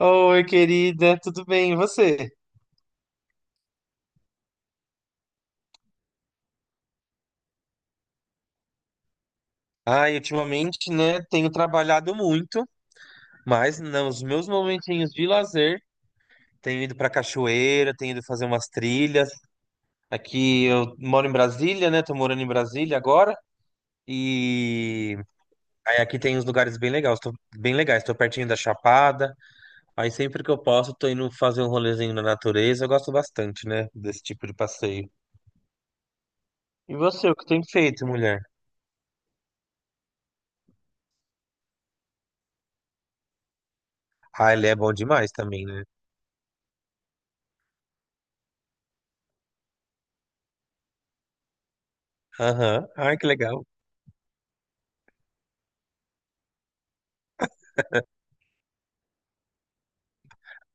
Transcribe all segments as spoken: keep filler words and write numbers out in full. Oi, querida, tudo bem? E você? Ai, ultimamente, né, tenho trabalhado muito, mas nos meus momentinhos de lazer, tenho ido pra cachoeira, tenho ido fazer umas trilhas. Aqui eu moro em Brasília, né? Tô morando em Brasília agora. E aí aqui tem uns lugares bem legais, tô bem legais, tô pertinho da Chapada. Aí sempre que eu posso, tô indo fazer um rolezinho na natureza. Eu gosto bastante, né, desse tipo de passeio. E você, o que tem feito, mulher? Ah, ele é bom demais também, né? Aham. Ai, que legal.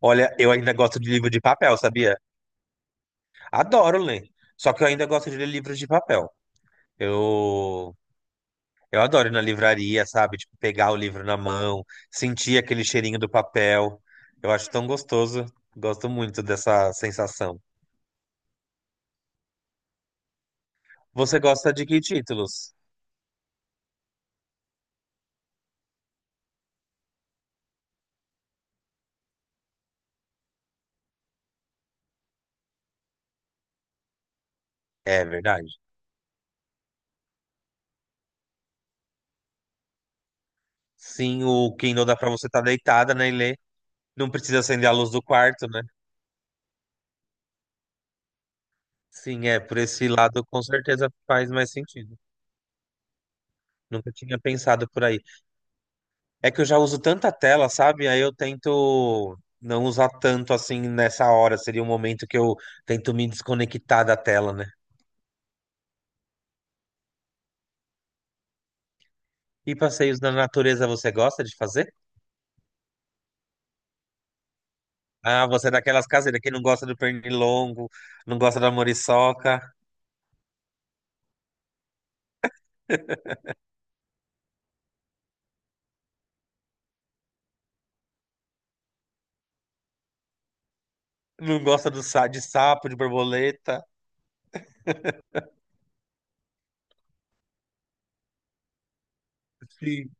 Olha, eu ainda gosto de livro de papel, sabia? Adoro ler. Só que eu ainda gosto de ler livros de papel. Eu, eu adoro ir na livraria, sabe? Tipo, pegar o livro na mão, sentir aquele cheirinho do papel. Eu acho tão gostoso. Gosto muito dessa sensação. Você gosta de que títulos? É verdade. Sim, o Kindle dá pra você estar deitada, né, e ler. Não precisa acender a luz do quarto, né? Sim, é, por esse lado com certeza faz mais sentido. Nunca tinha pensado por aí. É que eu já uso tanta tela, sabe? Aí eu tento não usar tanto assim nessa hora. Seria um momento que eu tento me desconectar da tela, né? E passeios na natureza você gosta de fazer? Ah, você é daquelas caseiras que não gosta do pernilongo, não gosta da muriçoca, não gosta do sa de sapo, de borboleta. Sim.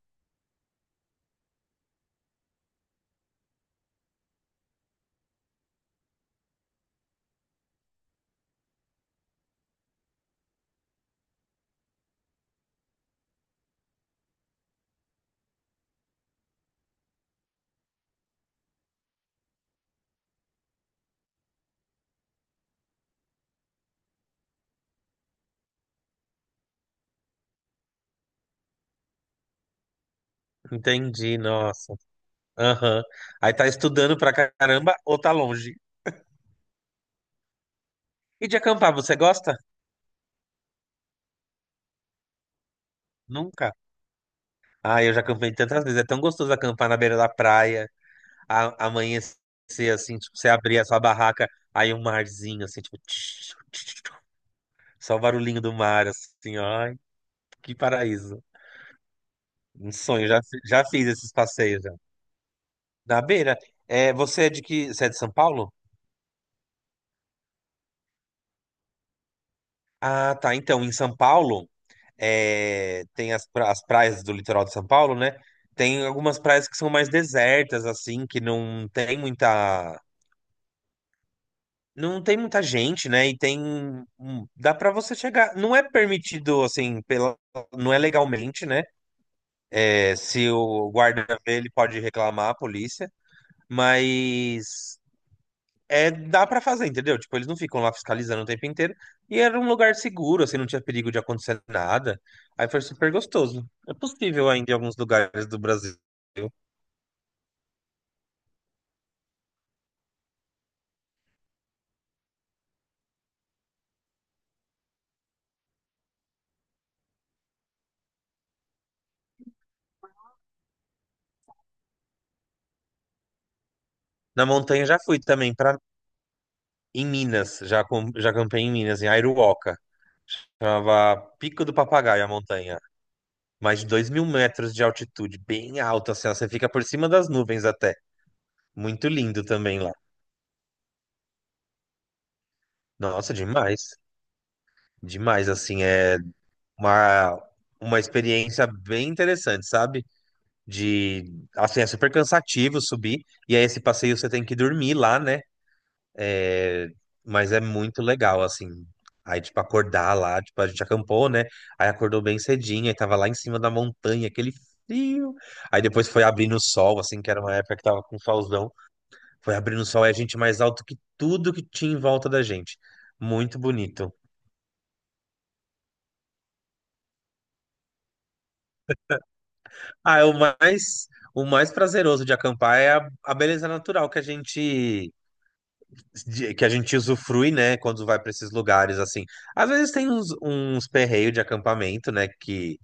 Entendi, nossa. Aham. Aí tá estudando pra caramba ou tá longe? E de acampar, você gosta? Nunca. Ah, eu já acampei tantas vezes. É tão gostoso acampar na beira da praia a- amanhecer assim, tipo, você abrir a sua barraca, aí um marzinho assim, tipo, tch, tch, tch, tch, só o barulhinho do mar, assim, ó, ai, que paraíso. Um sonho, já, fi- já fiz esses passeios já. Na beira, é, você é de que, você é de São Paulo? Ah, tá. Então, em São Paulo, é, tem as, pra- as praias do litoral de São Paulo, né? Tem algumas praias que são mais desertas, assim, que não tem muita. Não tem muita gente, né? E tem. hum, Dá pra você chegar. Não é permitido, assim, pela... não é legalmente, né? É, se o guarda ver, ele pode reclamar à polícia. Mas. É, dá pra fazer, entendeu? Tipo, eles não ficam lá fiscalizando o tempo inteiro. E era um lugar seguro, assim, não tinha perigo de acontecer nada. Aí foi super gostoso. É possível ainda em alguns lugares do Brasil. Na montanha já fui também, pra... em Minas. Já, com... já campei em Minas, em Airuoca. Chamava Pico do Papagaio a montanha. Mais de dois mil metros de altitude, bem alto, assim, ó, você fica por cima das nuvens até. Muito lindo também lá. Nossa, demais. Demais, assim, é uma, uma experiência bem interessante, sabe? De, assim, é super cansativo subir, e aí esse passeio você tem que dormir lá, né? É, mas é muito legal, assim. Aí, tipo, acordar lá, tipo, a gente acampou, né? Aí acordou bem cedinho, aí tava lá em cima da montanha, aquele frio. Aí depois foi abrindo o sol, assim, que era uma época que tava com solzão. Foi abrindo o sol e a gente mais alto que tudo que tinha em volta da gente. Muito bonito. Ah, é o mais o mais prazeroso de acampar é a, a beleza natural que a gente de- que a gente usufrui, né, quando vai para esses lugares assim. Às vezes tem uns, uns perreios de acampamento, né, que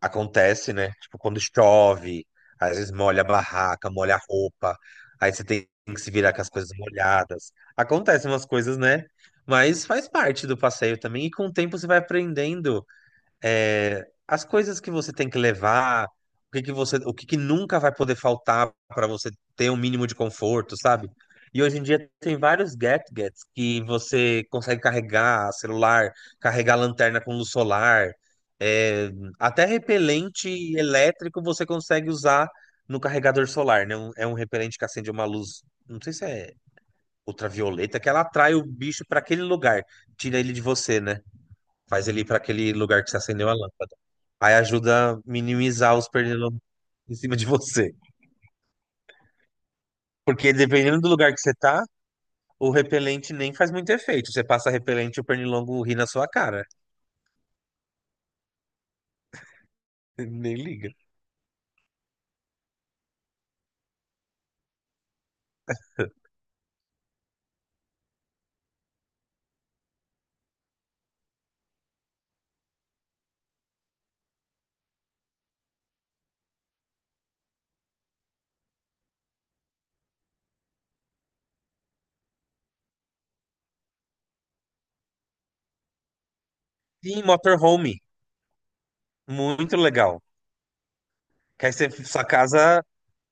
acontece, né? Tipo, quando chove, às vezes molha a barraca, molha a roupa, aí você tem que se virar com as coisas molhadas. Acontecem umas coisas, né? Mas faz parte do passeio também, e com o tempo você vai aprendendo é, as coisas que você tem que levar, o que que você, o que que nunca vai poder faltar para você ter um mínimo de conforto, sabe? E hoje em dia tem vários gadgets que você consegue carregar celular, carregar lanterna com luz solar, é, até repelente elétrico você consegue usar no carregador solar, né? Um- É um repelente que acende uma luz, não sei se é ultravioleta, que ela atrai o bicho para aquele lugar, tira ele de você, né? Faz ele ir para aquele lugar que você acendeu a lâmpada. Aí ajuda a minimizar os pernilongos em cima de você. Porque dependendo do lugar que você tá, o repelente nem faz muito efeito. Você passa repelente e o pernilongo ri na sua cara. Nem liga. Sim, motorhome. Muito legal. Que aí você, sua casa,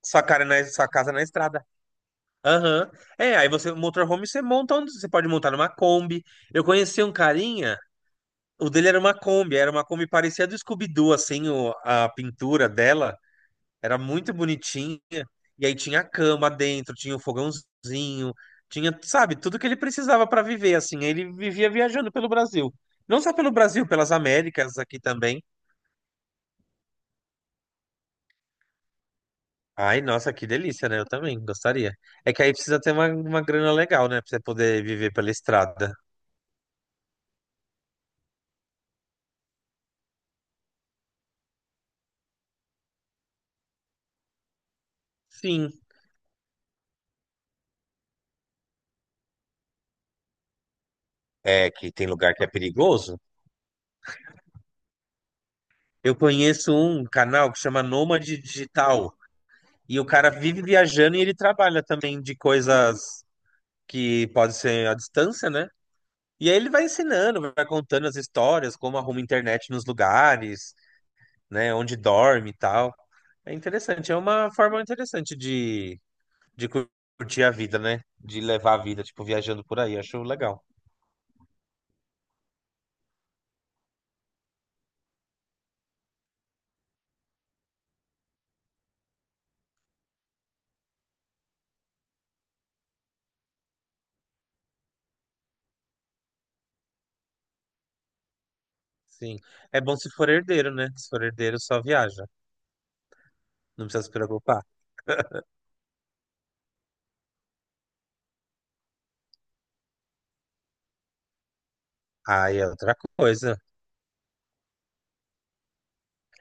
sua cara na, sua casa na estrada. Aham. É, aí você, motorhome, você monta onde você pode montar numa Kombi. Eu conheci um carinha, o dele era uma Kombi, era uma Kombi parecia do Scooby-Doo, assim, o- a pintura dela. Era muito bonitinha. E aí tinha a cama dentro, tinha o fogãozinho, tinha, sabe, tudo que ele precisava para viver, assim. Ele vivia viajando pelo Brasil. Não só pelo Brasil, pelas Américas aqui também. Ai, nossa, que delícia, né? Eu também gostaria. É que aí precisa ter uma, uma grana legal, né? Pra você poder viver pela estrada. Sim. É que tem lugar que é perigoso. Eu conheço um canal que chama Nômade Digital. E o cara vive viajando e ele trabalha também de coisas que pode ser à distância, né? E aí ele vai ensinando, vai contando as histórias, como arruma internet nos lugares, né, onde dorme e tal. É interessante, é uma forma interessante de, de cur- curtir a vida, né? De levar a vida, tipo, viajando por aí, acho legal. Sim. É bom se for herdeiro, né? Se for herdeiro, só viaja. Não precisa se preocupar. Aí é outra coisa.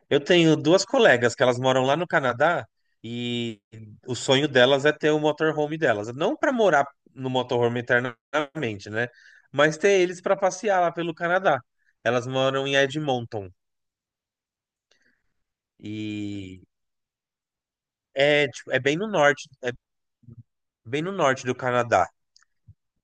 Eu tenho duas colegas que elas moram lá no Canadá e o sonho delas é ter o motorhome delas. Não para morar no motorhome eternamente, né? Mas ter eles para passear lá pelo Canadá. Elas moram em Edmonton e é, tipo, é bem no norte, é bem no norte do Canadá.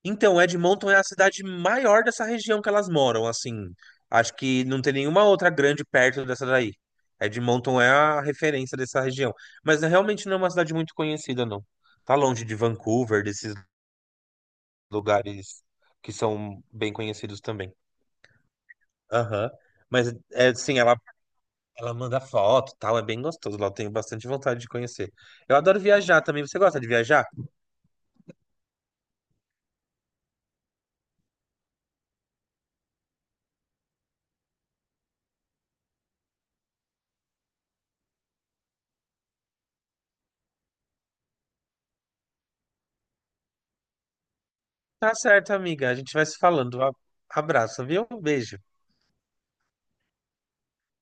Então, Edmonton é a cidade maior dessa região que elas moram, assim. Acho que não tem nenhuma outra grande perto dessa daí. Edmonton é a referência dessa região. Mas né, realmente não é uma cidade muito conhecida, não. Tá longe de Vancouver, desses lugares que são bem conhecidos também. Aham. Mas, é, assim, ela, ela manda foto e tal, é bem gostoso. Lá eu tenho bastante vontade de conhecer. Eu adoro viajar também. Você gosta de viajar? Tá certo, amiga. A gente vai se falando. A- Abraço, viu? Beijo.